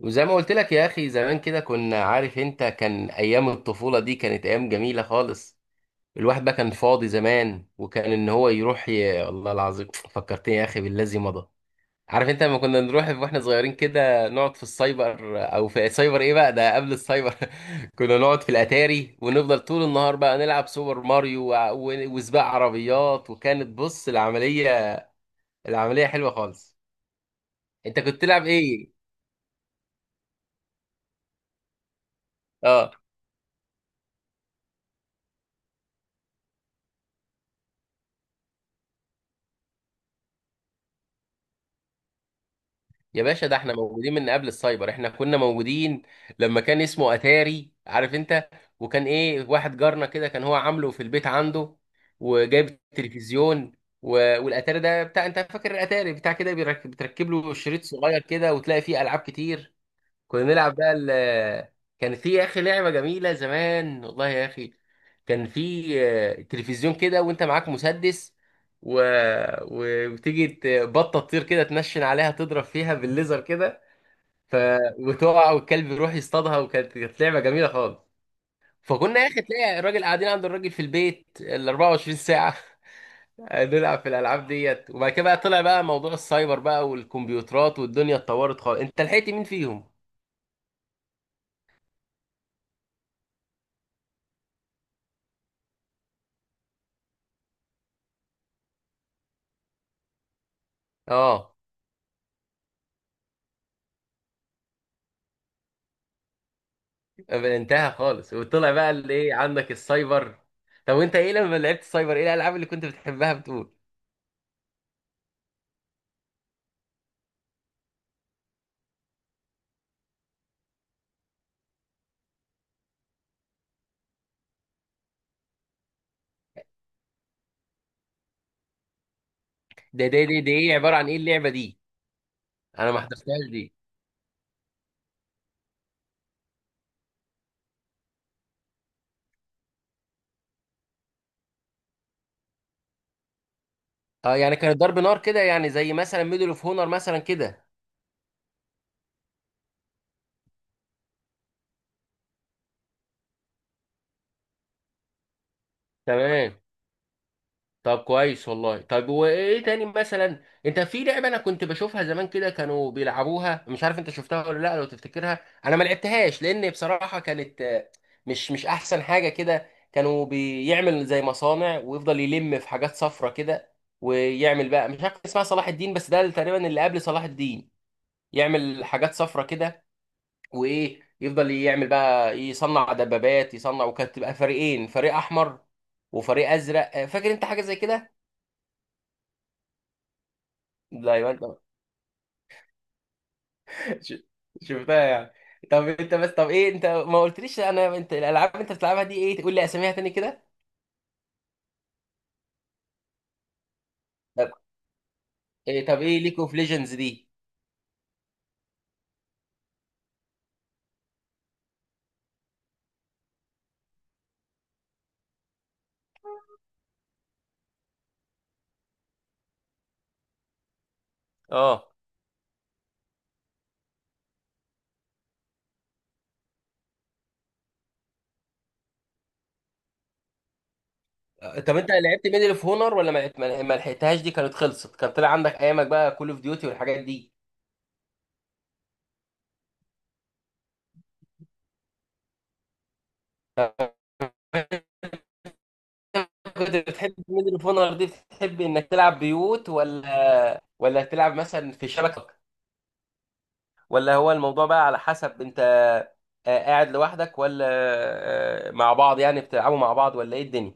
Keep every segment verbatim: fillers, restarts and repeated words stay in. وزي ما قلت لك يا اخي، زمان كده كنا عارف انت، كان ايام الطفولة دي كانت ايام جميلة خالص. الواحد بقى كان فاضي زمان، وكان ان هو يروح ي... الله العظيم فكرتني يا اخي بالذي مضى. عارف انت لما كنا نروح واحنا صغيرين كده نقعد في السايبر، او في سايبر ايه بقى، ده قبل السايبر. كنا نقعد في الاتاري ونفضل طول النهار بقى نلعب سوبر ماريو و... و... وسباق عربيات، وكانت بص العملية، العملية حلوة خالص. انت كنت تلعب ايه؟ اه. يا باشا، ده احنا موجودين من قبل السايبر، احنا كنا موجودين لما كان اسمه اتاري عارف انت. وكان ايه، واحد جارنا كده كان هو عامله في البيت عنده وجايب تلفزيون و- والاتاري ده بتاع، انت فاكر الاتاري بتاع كده بيرك- بتركب له شريط صغير كده وتلاقي فيه العاب كتير. كنا نلعب بقى ال، كان في يا اخي لعبه جميله زمان والله يا اخي. كان في آه، تلفزيون كده وانت معاك مسدس و... و- وتيجي ت- بطه تطير كده تنشن عليها تضرب فيها بالليزر كده. ف... وتقع والكلب يروح يصطادها، وكانت كانت لعبه جميله خالص. فكنا يا اخي تلاقي الراجل، قاعدين عند الراجل في البيت ال أربعة وعشرين ساعه. نلعب في الالعاب ديت، وبعد كده بقى طلع بقى موضوع السايبر بقى والكمبيوترات والدنيا اتطورت خالص. انت لحقت مين فيهم؟ اه. انتهى خالص وطلع بقى اللي ايه عندك السايبر. طب وانت ايه لما لعبت السايبر، ايه الالعاب اللي كنت بتحبها بتقول؟ ده ده دي دي ايه عباره عن ايه اللعبه دي؟ انا ما حضرتهاش دي. اه يعني كانت ضرب نار كده يعني زي مثلا ميدل اوف هونر مثلا كده. تمام. طب كويس والله. طب وايه تاني، مثلا انت في لعبه انا كنت بشوفها زمان كده كانوا بيلعبوها، مش عارف انت شفتها ولا لا لو تفتكرها. انا ما لعبتهاش لان بصراحه كانت آه، مش مش احسن حاجه كده. كانوا بيعمل زي مصانع ويفضل يلم في حاجات صفرة كده ويعمل بقى مش عارف اسمها صلاح الدين، بس ده تقريبا اللي قبل صلاح الدين. يعمل حاجات صفرة كده وايه، يفضل يعمل بقى يصنع دبابات يصنع، وكانت تبقى فريقين، فريق احمر وفريق ازرق. آه، فاكر انت حاجه زي كده؟ لا يبقى انت ش- شفتها يعني. طب انت بس، طب ايه، انت ما قلتليش انا، انت الالعاب اللي انت بتلعبها دي ايه، تقول لي اساميها تاني كده. طب ايه طب ايه ليج اوف ليجندز دي؟ اه. اه، طب انت لعبت ميدل اوف هونر ولا ما لعبت- ما ما لحقتهاش، دي كانت خلصت كان طلع عندك ايامك بقى كول اوف ديوتي والحاجات دي؟ طب كنت بتحب ميدل اوف هونر دي، بتحب انك تلعب بيوت ولا ولا تلعب مثلا في شبكه، ولا هو الموضوع بقى على حسب انت آه، قاعد لوحدك ولا آه، مع بعض، يعني بتلعبوا مع بعض ولا ايه الدنيا؟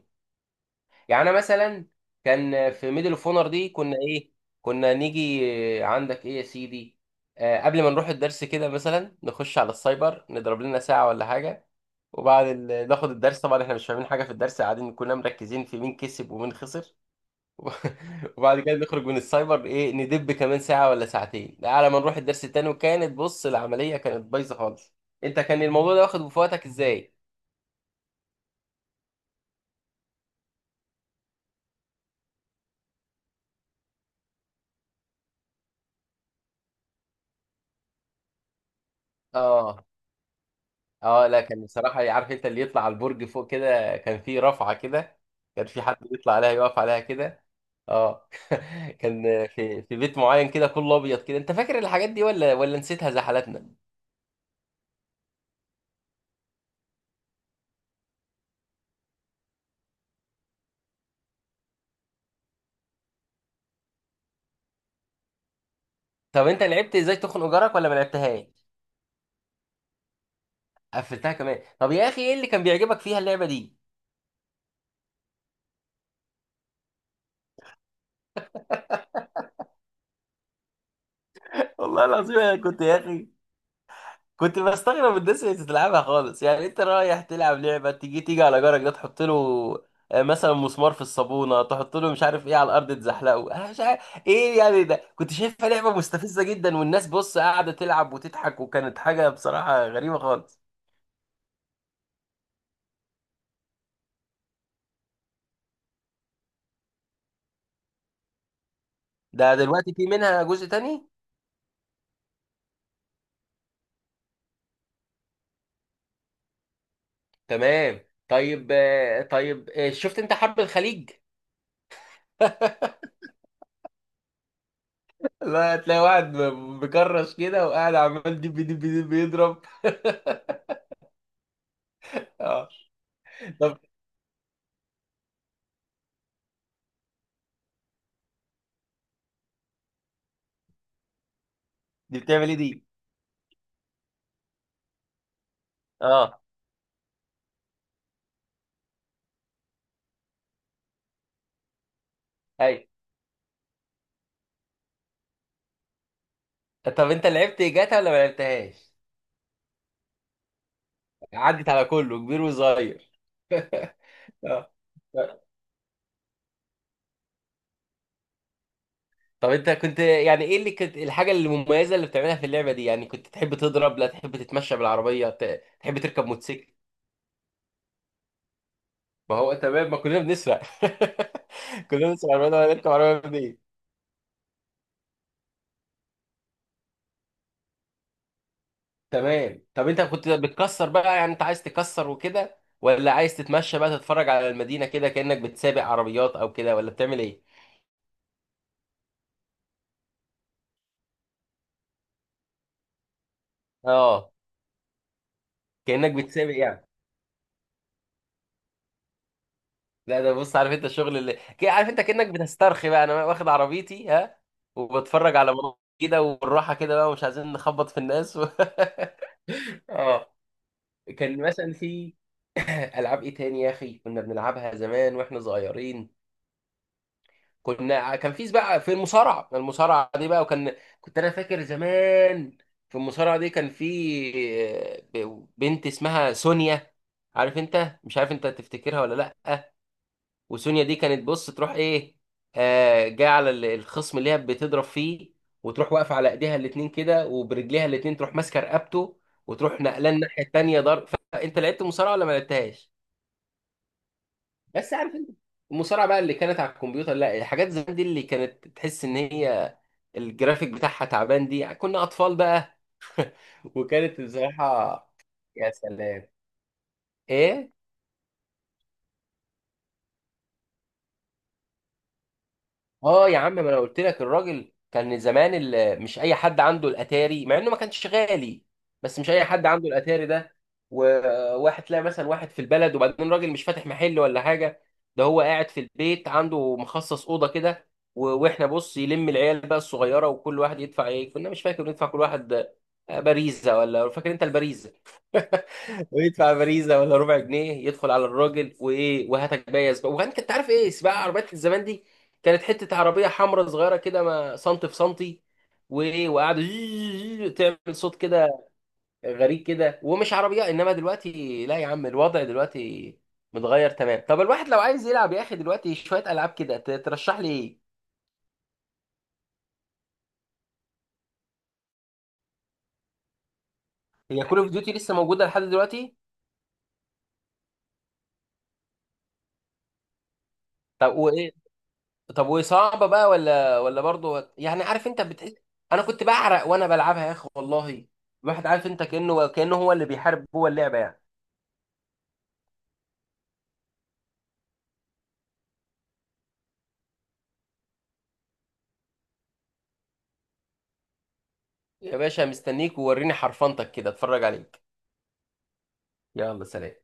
يعني انا مثلا كان في ميدل اوف اونر دي، كنا ايه، كنا نيجي آه، عندك ايه يا سيدي، آه، قبل ما نروح الدرس كده مثلا نخش على السايبر نضرب لنا ساعة ولا حاجة. وبعد ال... ناخد الدرس، طبعا احنا مش فاهمين حاجة في الدرس، قاعدين كلنا مركزين في مين كسب ومين خسر. وبعد كده نخرج من السايبر ايه ندب كمان ساعة ولا ساعتين على ما نروح الدرس التاني، وكانت بص العملية كانت بايظة خالص. انت كان الموضوع ده واخد في وقتك ازاي؟ اه. اه لا، كان بصراحة عارف انت اللي يطلع على البرج فوق كده، كان في رفعة كده، كان في حد بيطلع عليها يقف عليها كده. اه. كان في في بيت معين كده كله ابيض كده، انت فاكر الحاجات دي ولا ولا نسيتها زي حالاتنا؟ طب انت لعبت ازاي تخنق جارك ولا ما لعبتهاش؟ قفلتها كمان طب يا اخي، ايه اللي كان بيعجبك فيها اللعبه دي؟ والله العظيم انا كنت يا اخي كنت بستغرب الناس اللي بتلعبها خالص، يعني انت رايح تلعب لعبه، تيجي تيجي على جارك ده تحط له آه، مثلا مسمار في الصابونه، تحط له مش عارف ايه على الارض تزحلقه، انا مش عارف ايه، يعني ده كنت شايفها لعبه مستفزه جدا، والناس بص قاعده تلعب وتضحك، وكانت حاجه بصراحه غريبه خالص. ده دلوقتي في منها جزء تاني؟ تمام. طيب آه، طيب آه، شفت انت حرب الخليج؟ لا هتلاقي واحد مكرش كده وقاعد عمال دب دب دب يضرب. اه. طب دي بتعمل ايه دي؟ اه. اي. طب انت لعبت جاتا ولا ما لعبتهاش؟ عدت على كله كبير وصغير. اه. طب انت كنت يعني ايه اللي كنت، الحاجة المميزة اللي بتعملها في اللعبة دي؟ يعني كنت تحب تضرب، لا تحب تتمشى بالعربية، ت- تحب تركب موتوسيكل؟ ما هو تمام، ما كلنا بنسرق. كلنا بنسرق عربية، ولا نركب عربية منين؟ تمام. طب انت كنت بتكسر بقى، يعني انت عايز تكسر وكده ولا عايز تتمشى بقى تتفرج على المدينة كده كأنك بتسابق عربيات او كده، ولا بتعمل ايه؟ اه. كأنك بتسابق يعني؟ لا ده بص عارف انت الشغل اللي ك- عارف انت كأنك بتسترخي بقى انا واخد عربيتي ها، وبتفرج على مناظر كده والراحة كده بقى، ومش عايزين نخبط في الناس و... اه. كان مثلا في العاب ايه تاني يا اخي كنا بنلعبها زمان واحنا صغيرين؟ كنا كان في بقى في المصارعة، المصارعة دي بقى، وكان كنت انا فاكر زمان في المصارعة دي كان في آه، ب- بنت اسمها سونيا عارف انت، مش عارف انت تفتكرها ولا لا. وسونيا دي كانت بص تروح ايه، آه جايه على ال- الخصم اللي هي بتضرب فيه، وتروح واقفه على ايديها الاتنين كده وبرجليها الاتنين تروح ماسكه رقبته وتروح نقلان الناحيه التانيه ضرب. فانت لعبت مصارعه ولا ما لعبتهاش؟ بس عارف انت المصارعه بقى اللي كانت على الكمبيوتر لا، الحاجات زمان دي اللي كانت تحس ان هي الجرافيك بتاعها تعبان دي كنا اطفال بقى، وكانت بصراحه يا سلام ايه. اه يا عم، ما انا قلت لك الراجل كان زمان ال- مش اي حد عنده الاتاري، مع انه ما كانش غالي، بس مش اي حد عنده الاتاري ده. وواحد تلاقي مثلا واحد في البلد، وبعدين راجل مش فاتح محل ولا حاجه، ده هو قاعد في البيت عنده مخصص اوضه كده و- واحنا بص يلم العيال بقى الصغيره، وكل واحد يدفع ايه، كنا مش فاكر ندفع كل واحد آه، باريزه، ولا فاكر انت الباريزه؟ ويدفع فريزه ولا ربع جنيه يدخل على الراجل وايه وهاتك بقى يا سباق. وبعدين كنت عارف ايه سباق عربيات الزمان دي كانت حته عربيه حمراء صغيره كده ما سنتي في سنتي، وايه وقعدوا تعمل صوت كده غريب كده ومش عربيه، انما دلوقتي لا يا عم، الوضع دلوقتي متغير. تمام. طب الواحد لو عايز يلعب يا اخي دلوقتي شويه العاب كده ت- ترشح لي ايه؟ هي كول اوف ديوتي لسه موجوده لحد دلوقتي؟ طب وايه، طب وصعبه بقى ولا ولا برضه يعني عارف انت بتحس، انا كنت بعرق وانا بلعبها يا اخي والله. الواحد عارف انت كانه كانه هو اللي بيحارب جوه اللعبه يعني. يا باشا مستنيك ووريني حرفنتك كده اتفرج عليك. يلا سلام.